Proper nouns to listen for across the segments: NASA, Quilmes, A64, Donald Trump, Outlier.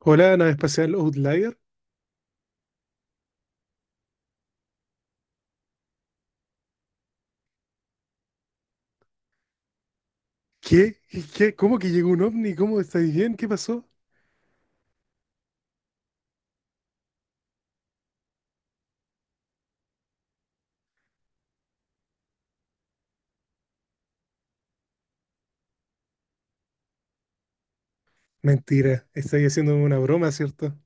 Hola, la nave espacial Outlier. ¿Qué? ¿Qué? ¿Cómo que llegó un ovni? ¿Cómo estáis bien? ¿Qué pasó? Mentira, estáis haciendo una broma, ¿cierto?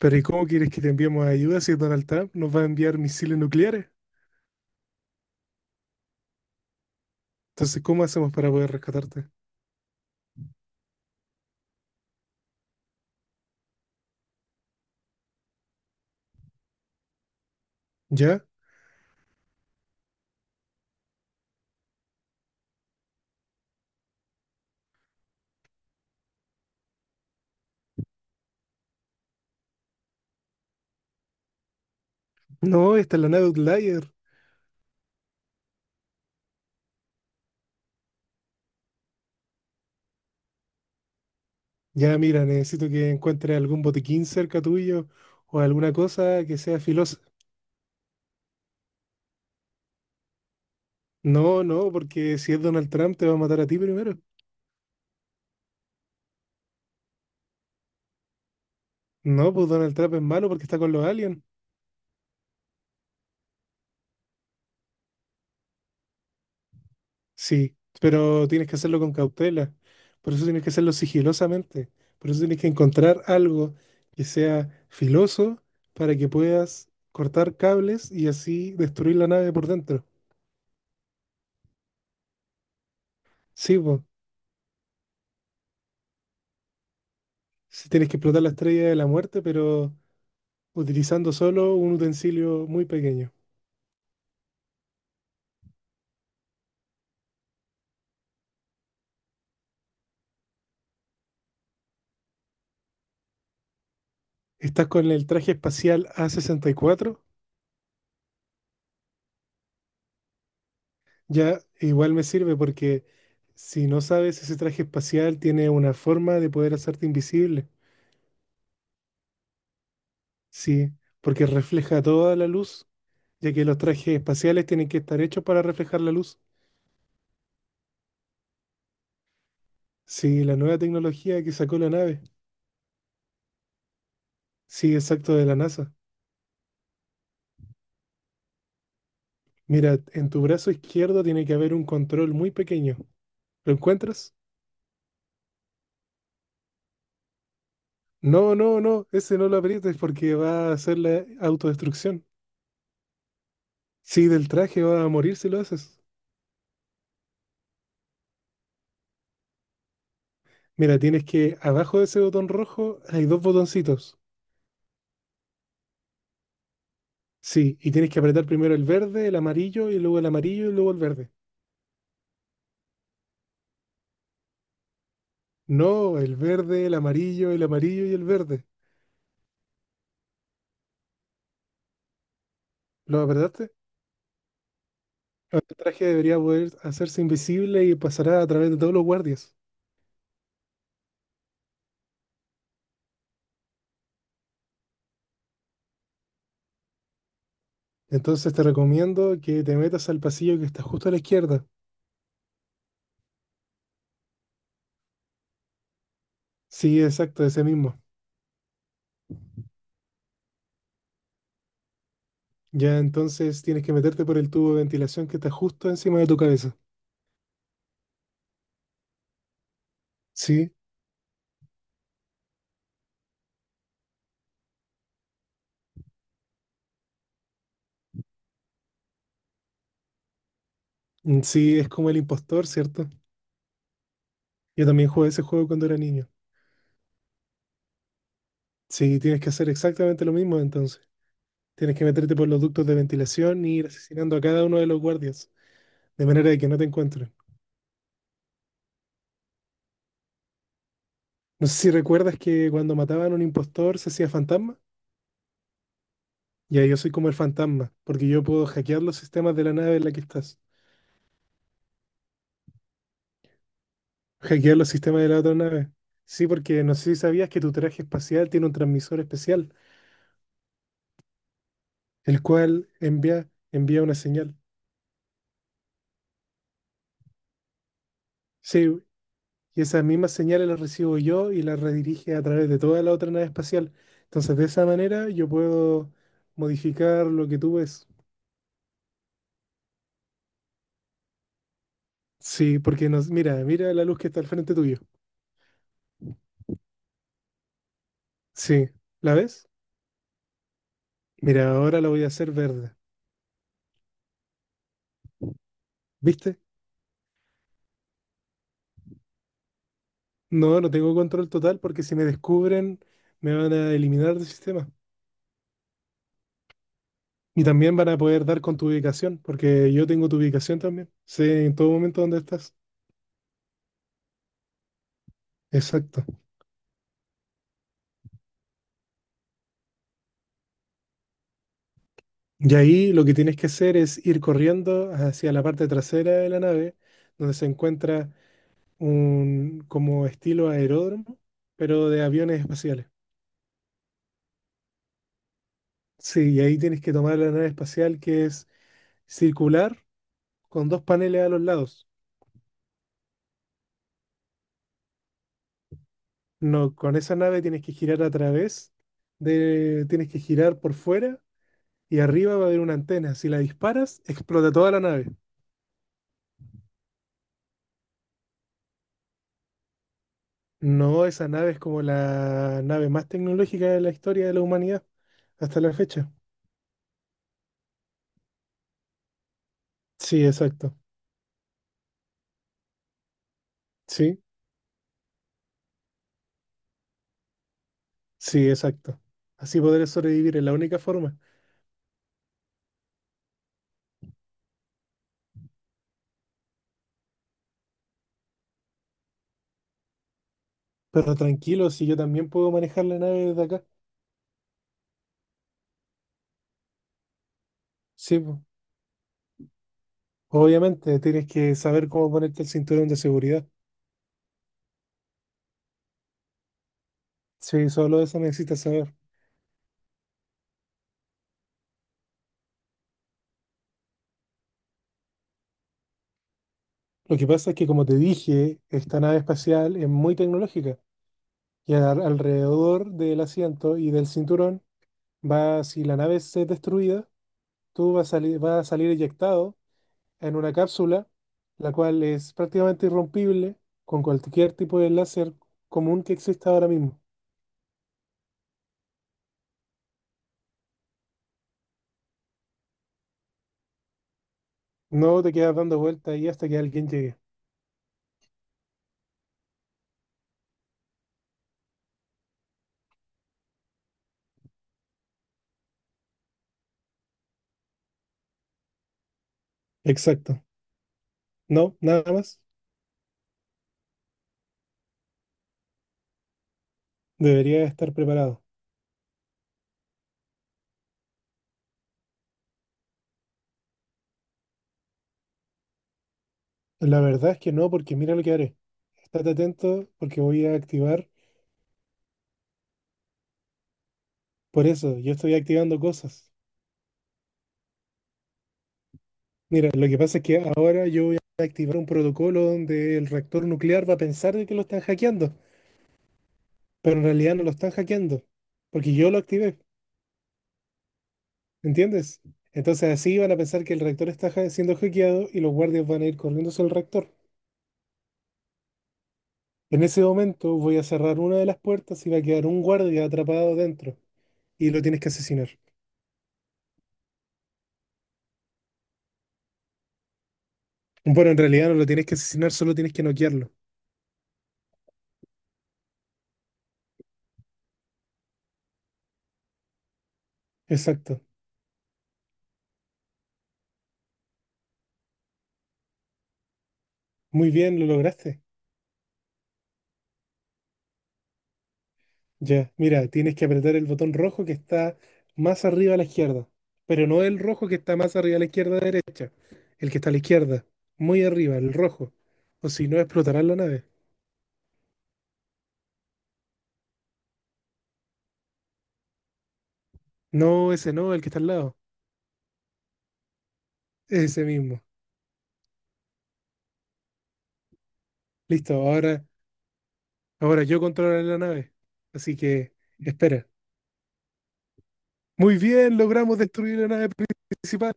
Pero ¿y cómo quieres que te enviemos ayuda si Donald Trump nos va a enviar misiles nucleares? Entonces, ¿cómo hacemos para poder rescatarte? ¿Ya? No, esta es la nave Outlier. Ya, mira, necesito que encuentres algún botiquín cerca tuyo o alguna cosa que sea filosa. No, no, porque si es Donald Trump te va a matar a ti primero. No, pues Donald Trump es malo porque está con los aliens. Sí, pero tienes que hacerlo con cautela. Por eso tienes que hacerlo sigilosamente. Por eso tienes que encontrar algo que sea filoso para que puedas cortar cables y así destruir la nave por dentro. Sí, pues, sí tienes que explotar la estrella de la muerte, pero utilizando solo un utensilio muy pequeño. Estás con el traje espacial A64, ya igual me sirve porque si no sabes, ese traje espacial tiene una forma de poder hacerte invisible. Sí, porque refleja toda la luz, ya que los trajes espaciales tienen que estar hechos para reflejar la luz. Sí, la nueva tecnología que sacó la nave. Sí, exacto, de la NASA. Mira, en tu brazo izquierdo tiene que haber un control muy pequeño. ¿Lo encuentras? No, no, no, ese no lo aprietes porque va a hacer la autodestrucción. Sí, del traje va a morir si lo haces. Mira, tienes que, abajo de ese botón rojo hay dos botoncitos. Sí, y tienes que apretar primero el verde, el amarillo, y luego el amarillo, y luego el verde. No, el verde, el amarillo y el verde. ¿Lo apretaste? Ahora el traje debería poder hacerse invisible y pasará a través de todos los guardias. Entonces te recomiendo que te metas al pasillo que está justo a la izquierda. Sí, exacto, ese mismo. Ya entonces tienes que meterte por el tubo de ventilación que está justo encima de tu cabeza. Sí, sí, es como el impostor, ¿cierto? Yo también jugué ese juego cuando era niño. Sí, tienes que hacer exactamente lo mismo entonces. Tienes que meterte por los ductos de ventilación y ir asesinando a cada uno de los guardias, de manera de que no te encuentren. No sé si recuerdas que cuando mataban a un impostor se hacía fantasma. Ya, yo soy como el fantasma, porque yo puedo hackear los sistemas de la nave en la que estás. Hackear los sistemas de la otra nave. Sí, porque no sé si sabías que tu traje espacial tiene un transmisor especial, el cual envía una señal. Sí, y esas mismas señales las recibo yo y las redirige a través de toda la otra nave espacial. Entonces, de esa manera yo puedo modificar lo que tú ves. Sí, porque nos, mira, mira la luz que está al frente tuyo. Sí, ¿la ves? Mira, ahora la voy a hacer verde. ¿Viste? No, no tengo control total porque si me descubren me van a eliminar del sistema. Y también van a poder dar con tu ubicación, porque yo tengo tu ubicación también. Sé en todo momento dónde estás. Exacto. Y ahí lo que tienes que hacer es ir corriendo hacia la parte trasera de la nave, donde se encuentra un como estilo aeródromo, pero de aviones espaciales. Sí, y ahí tienes que tomar la nave espacial que es circular con dos paneles a los lados. No, con esa nave tienes que girar a través de, tienes que girar por fuera y arriba va a haber una antena. Si la disparas, explota toda la nave. No, esa nave es como la nave más tecnológica de la historia de la humanidad hasta la fecha. Sí, exacto. Sí, sí, exacto. Así podré sobrevivir, es la única forma. Pero tranquilo, si yo también puedo manejar la nave desde acá. Sí, po. Obviamente, tienes que saber cómo ponerte el cinturón de seguridad. Sí, solo eso necesitas saber. Lo que pasa es que, como te dije, esta nave espacial es muy tecnológica y alrededor del asiento y del cinturón va, si la nave es destruida, tú vas a salir eyectado en una cápsula, la cual es prácticamente irrompible con cualquier tipo de láser común que exista ahora mismo. No te quedas dando vueltas ahí hasta que alguien llegue. Exacto. No, nada más. Debería estar preparado. La verdad es que no, porque mira lo que haré. Estate atento porque voy a activar. Por eso, yo estoy activando cosas. Mira, lo que pasa es que ahora yo voy a activar un protocolo donde el reactor nuclear va a pensar de que lo están hackeando, pero en realidad no lo están hackeando, porque yo lo activé, ¿entiendes? Entonces así van a pensar que el reactor está siendo hackeado y los guardias van a ir corriendo hacia el reactor. En ese momento voy a cerrar una de las puertas y va a quedar un guardia atrapado dentro y lo tienes que asesinar. Bueno, en realidad no lo tienes que asesinar, solo tienes que noquearlo. Exacto. Muy bien, lo lograste. Ya, mira, tienes que apretar el botón rojo que está más arriba a la izquierda, pero no el rojo que está más arriba a la izquierda derecha, el que está a la izquierda, muy arriba, el rojo, o si no explotará la nave. No, ese no, el que está al lado, ese mismo. Listo, ahora, ahora yo controlaré la nave, así que espera. Muy bien, logramos destruir la nave principal.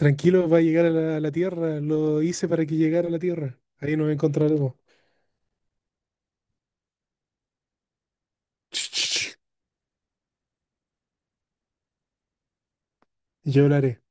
Tranquilo, va a llegar a la Tierra, lo hice para que llegara a la Tierra. Ahí nos encontraremos. Yo hablaré.